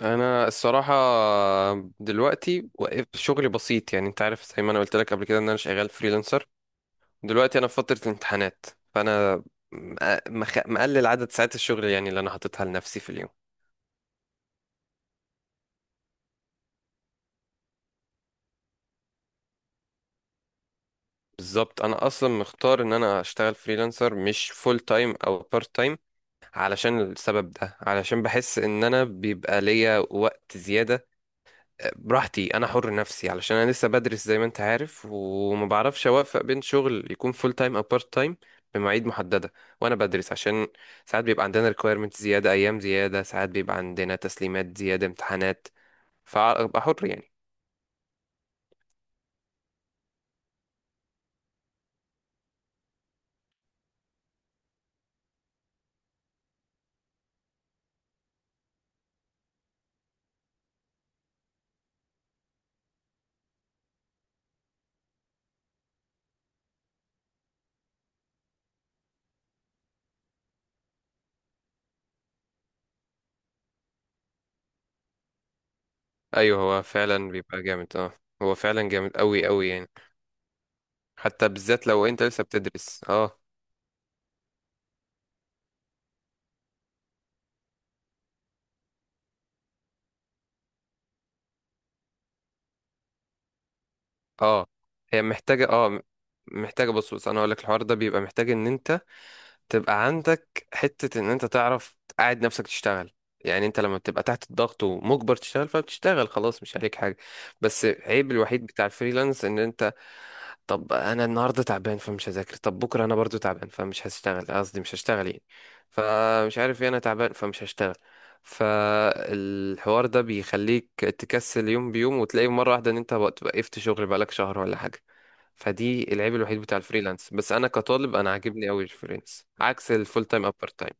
انا الصراحه دلوقتي وقف شغلي بسيط، يعني انت عارف زي ما انا قلت لك قبل كده ان انا شغال فريلانسر. دلوقتي انا في فتره الامتحانات، فانا مقلل عدد ساعات الشغل، يعني اللي انا حاططها لنفسي في اليوم. بالظبط انا اصلا مختار ان انا اشتغل فريلانسر، مش فول تايم او بارت تايم، علشان السبب ده، علشان بحس ان انا بيبقى ليا وقت زياده براحتي، انا حر نفسي، علشان انا لسه بدرس زي ما انت عارف، وما بعرفش اوفق بين شغل يكون فول تايم او بارت تايم بمواعيد محدده. وانا بدرس عشان ساعات بيبقى عندنا ريكويرمنت زياده، ايام زياده، ساعات بيبقى عندنا تسليمات زياده، امتحانات، فابقى حر يعني. ايوه، هو فعلا بيبقى جامد، اه. هو فعلا جامد قوي قوي يعني. حتى بالذات لو انت لسه بتدرس، اه. اه، هي محتاجه، محتاجه. بص بص، انا هقول لك الحوار ده بيبقى محتاج ان انت تبقى عندك حتة ان انت تعرف تقعد نفسك تشتغل. يعني انت لما بتبقى تحت الضغط ومجبر تشتغل، فبتشتغل خلاص، مش عليك حاجة. بس عيب الوحيد بتاع الفريلانس ان انت، طب انا النهارده تعبان فمش هذاكر، طب بكره انا برضو تعبان فمش هشتغل، قصدي مش هشتغل يعني. فمش عارف ايه، انا تعبان فمش هشتغل. فالحوار ده بيخليك تكسل يوم بيوم، وتلاقي مره واحده ان انت وقفت شغل بقالك شهر ولا حاجه. فدي العيب الوحيد بتاع الفريلانس، بس انا كطالب انا عاجبني قوي الفريلانس عكس الفول تايم او بارت تايم.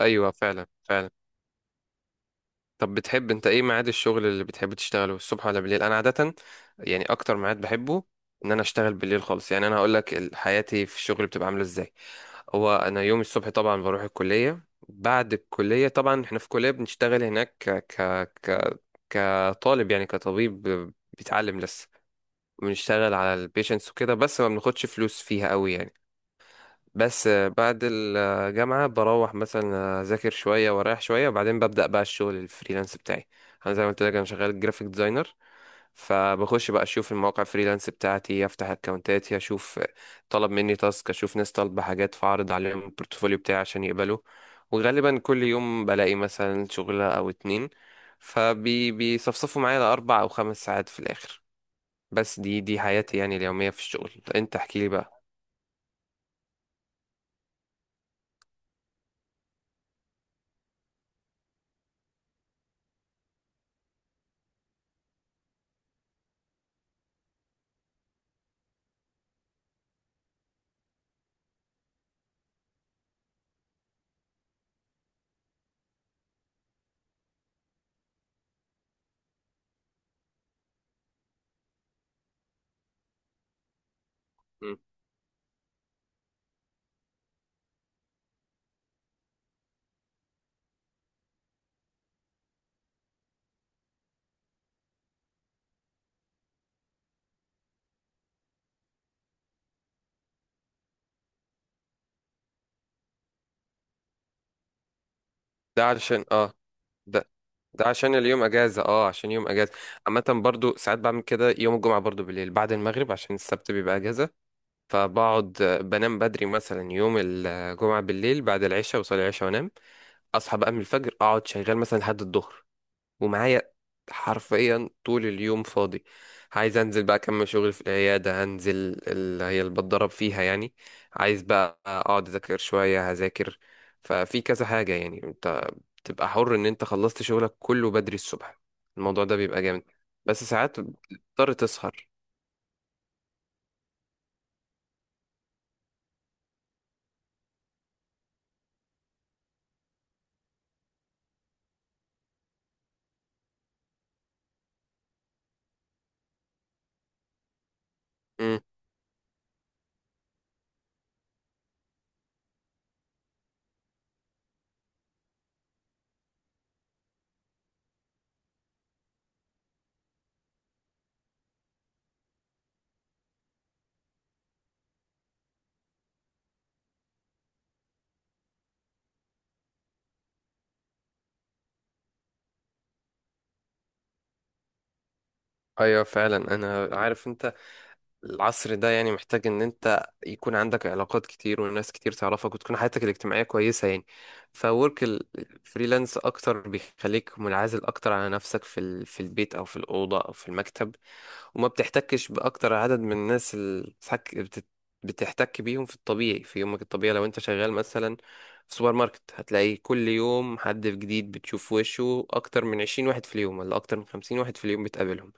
ايوه فعلا فعلا. طب بتحب انت ايه ميعاد الشغل اللي بتحب تشتغله، الصبح ولا بالليل؟ انا عادة، يعني اكتر ميعاد بحبه ان انا اشتغل بالليل خالص. يعني انا هقول لك حياتي في الشغل بتبقى عاملة ازاي. هو انا يوم الصبح طبعا بروح الكلية، بعد الكلية طبعا احنا في كلية بنشتغل هناك ك ك ك كطالب، يعني كطبيب بيتعلم لسه. بنشتغل على البيشنتس وكده، بس ما بناخدش فلوس فيها قوي يعني. بس بعد الجامعة بروح مثلا أذاكر شوية وأريح شوية، وبعدين ببدأ بقى الشغل الفريلانس بتاعي. أنا زي ما قلت لك أنا شغال جرافيك ديزاينر. فبخش بقى أشوف المواقع الفريلانس بتاعتي، أفتح أكونتاتي، أشوف طلب مني تاسك، أشوف ناس طالبة حاجات، فأعرض عليهم البورتفوليو بتاعي عشان يقبلوا. وغالبا كل يوم بلاقي مثلا شغلة أو اتنين، فبيصفصفوا معايا ل4 أو 5 ساعات في الآخر. بس دي حياتي يعني اليومية في الشغل. أنت احكيلي بقى. مم. ده علشان، اه، ده ده عشان اليوم اجازه، اه، عشان يوم اجازه. عامه برضو ساعات بعمل كده، يوم الجمعه برضو بالليل بعد المغرب عشان السبت بيبقى اجازه. فبقعد بنام بدري مثلا يوم الجمعه بالليل بعد العشاء، وصلي العشاء وانام. اصحى بقى من الفجر، اقعد شغال مثلا لحد الظهر، ومعايا حرفيا طول اليوم فاضي. عايز انزل بقى اكمل شغل في العياده هنزل، اللي هي اللي بتدرب فيها يعني. عايز بقى اقعد اذاكر شويه هذاكر. ففي كذا حاجه يعني تبقى حر ان انت خلصت شغلك كله بدري الصبح. الموضوع ده بيبقى جامد، بس ساعات بتضطر تسهر. امم. ايوه فعلا، انا عارف انت، العصر ده يعني محتاج ان انت يكون عندك علاقات كتير، وناس كتير تعرفك، وتكون حياتك الاجتماعية كويسة يعني. فورك الفريلانس اكتر بيخليك منعزل اكتر على نفسك في البيت او في الأوضة او في المكتب. وما بتحتكش بأكتر عدد من الناس اللي بتحتك بيهم في الطبيعي، في يومك الطبيعي، لو انت شغال مثلا في سوبر ماركت هتلاقي كل يوم حد جديد، بتشوف وشه أكتر من 20 واحد في اليوم، ولا أكتر من 50 واحد في اليوم، بتقابلهم.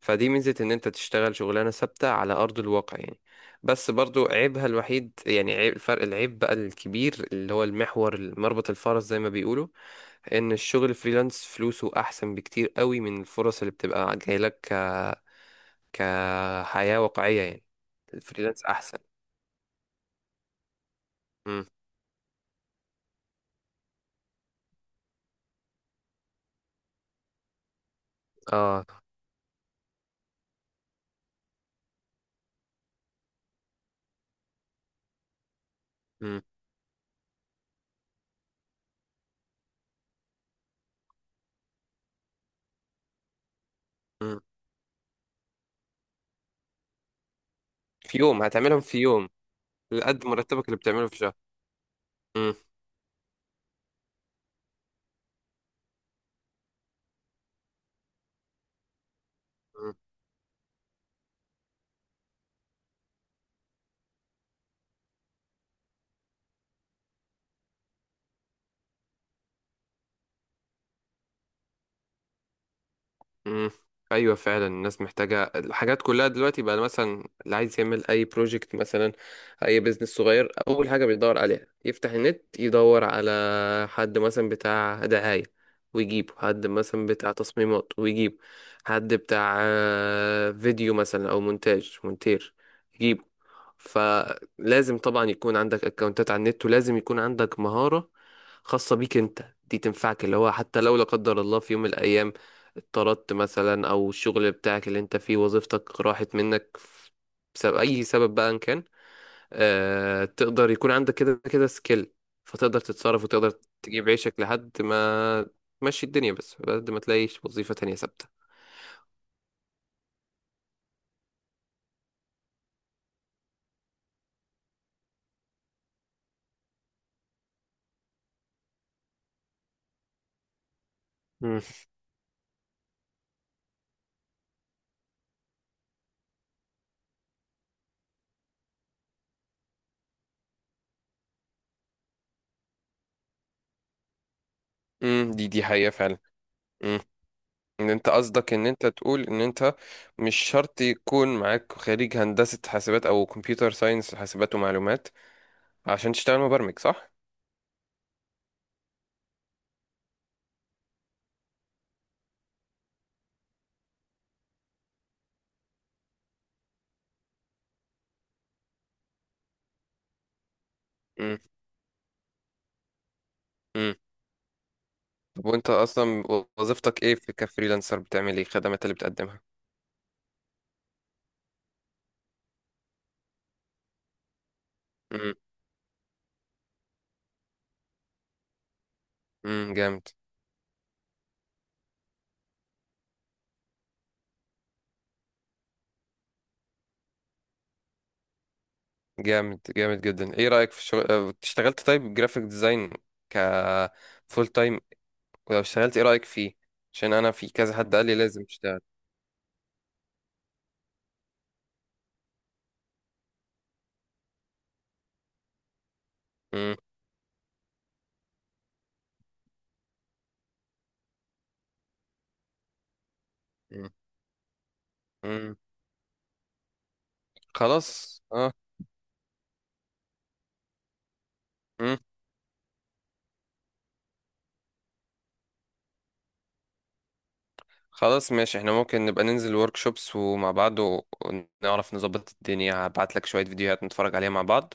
فدي ميزة إن أنت تشتغل شغلانة ثابتة على أرض الواقع يعني. بس برضو عيبها الوحيد، يعني عيب الفرق العيب بقى الكبير، اللي هو المحور، مربط الفرس زي ما بيقولوا، إن الشغل فريلانس فلوسه أحسن بكتير قوي من الفرص اللي بتبقى جايلك كحياة واقعية يعني. الفريلانس أحسن. مم. اه. مم. مم. في يوم هتعملهم، في يوم. لقد مرتبك اللي بتعمله في شهر. مم. امم. ايوه فعلا الناس محتاجه الحاجات كلها دلوقتي بقى، مثلا اللي عايز يعمل اي بروجكت، مثلا اي بزنس صغير، اول حاجه بيدور عليها يفتح النت يدور على حد مثلا بتاع دعايه ويجيبه، حد مثلا بتاع تصميمات ويجيبه، حد بتاع فيديو مثلا او مونتاج، مونتير يجيبه. فلازم طبعا يكون عندك اكونتات على النت، ولازم يكون عندك مهاره خاصه بيك انت دي تنفعك، اللي هو حتى لو لا قدر الله في يوم من الايام اتطردت مثلا، او الشغل بتاعك اللي انت فيه وظيفتك راحت منك، بسبب اي سبب بقى ان كان، اه تقدر يكون عندك كده كده سكيل، فتقدر تتصرف وتقدر تجيب عيشك لحد ما تمشي الدنيا، بس لحد ما تلاقيش وظيفة تانية ثابتة. مم. مم. دي حقيقة فعلا. مم. ان انت قصدك ان انت تقول ان انت مش شرط يكون معاك خريج هندسة حاسبات او كمبيوتر ساينس، حاسبات ومعلومات، عشان تشتغل مبرمج، صح؟ مم. مم. طب وانت اصلا وظيفتك ايه في كفريلانسر؟ بتعمل ايه الخدمات اللي بتقدمها؟ امم. جامد. جامد جامد جدا. ايه رأيك في الشغل، اشتغلت طيب جرافيك ديزاين ك فول تايم؟ ولو اشتغلت ايه رأيك فيه؟ عشان انا في كذا حد قال لي لازم اشتغل. امم. امم. امم. خلاص اه. امم. خلاص ماشي، احنا ممكن نبقى ننزل ورك شوبس ومع بعض، ونعرف نظبط الدنيا. هبعت لك شوية فيديوهات نتفرج عليها مع بعض،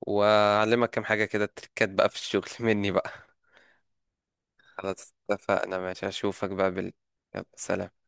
واعلمك كام حاجة كده، تريكات بقى في الشغل مني بقى. خلاص اتفقنا، ماشي، اشوفك بقى بالليل. يلا سلام.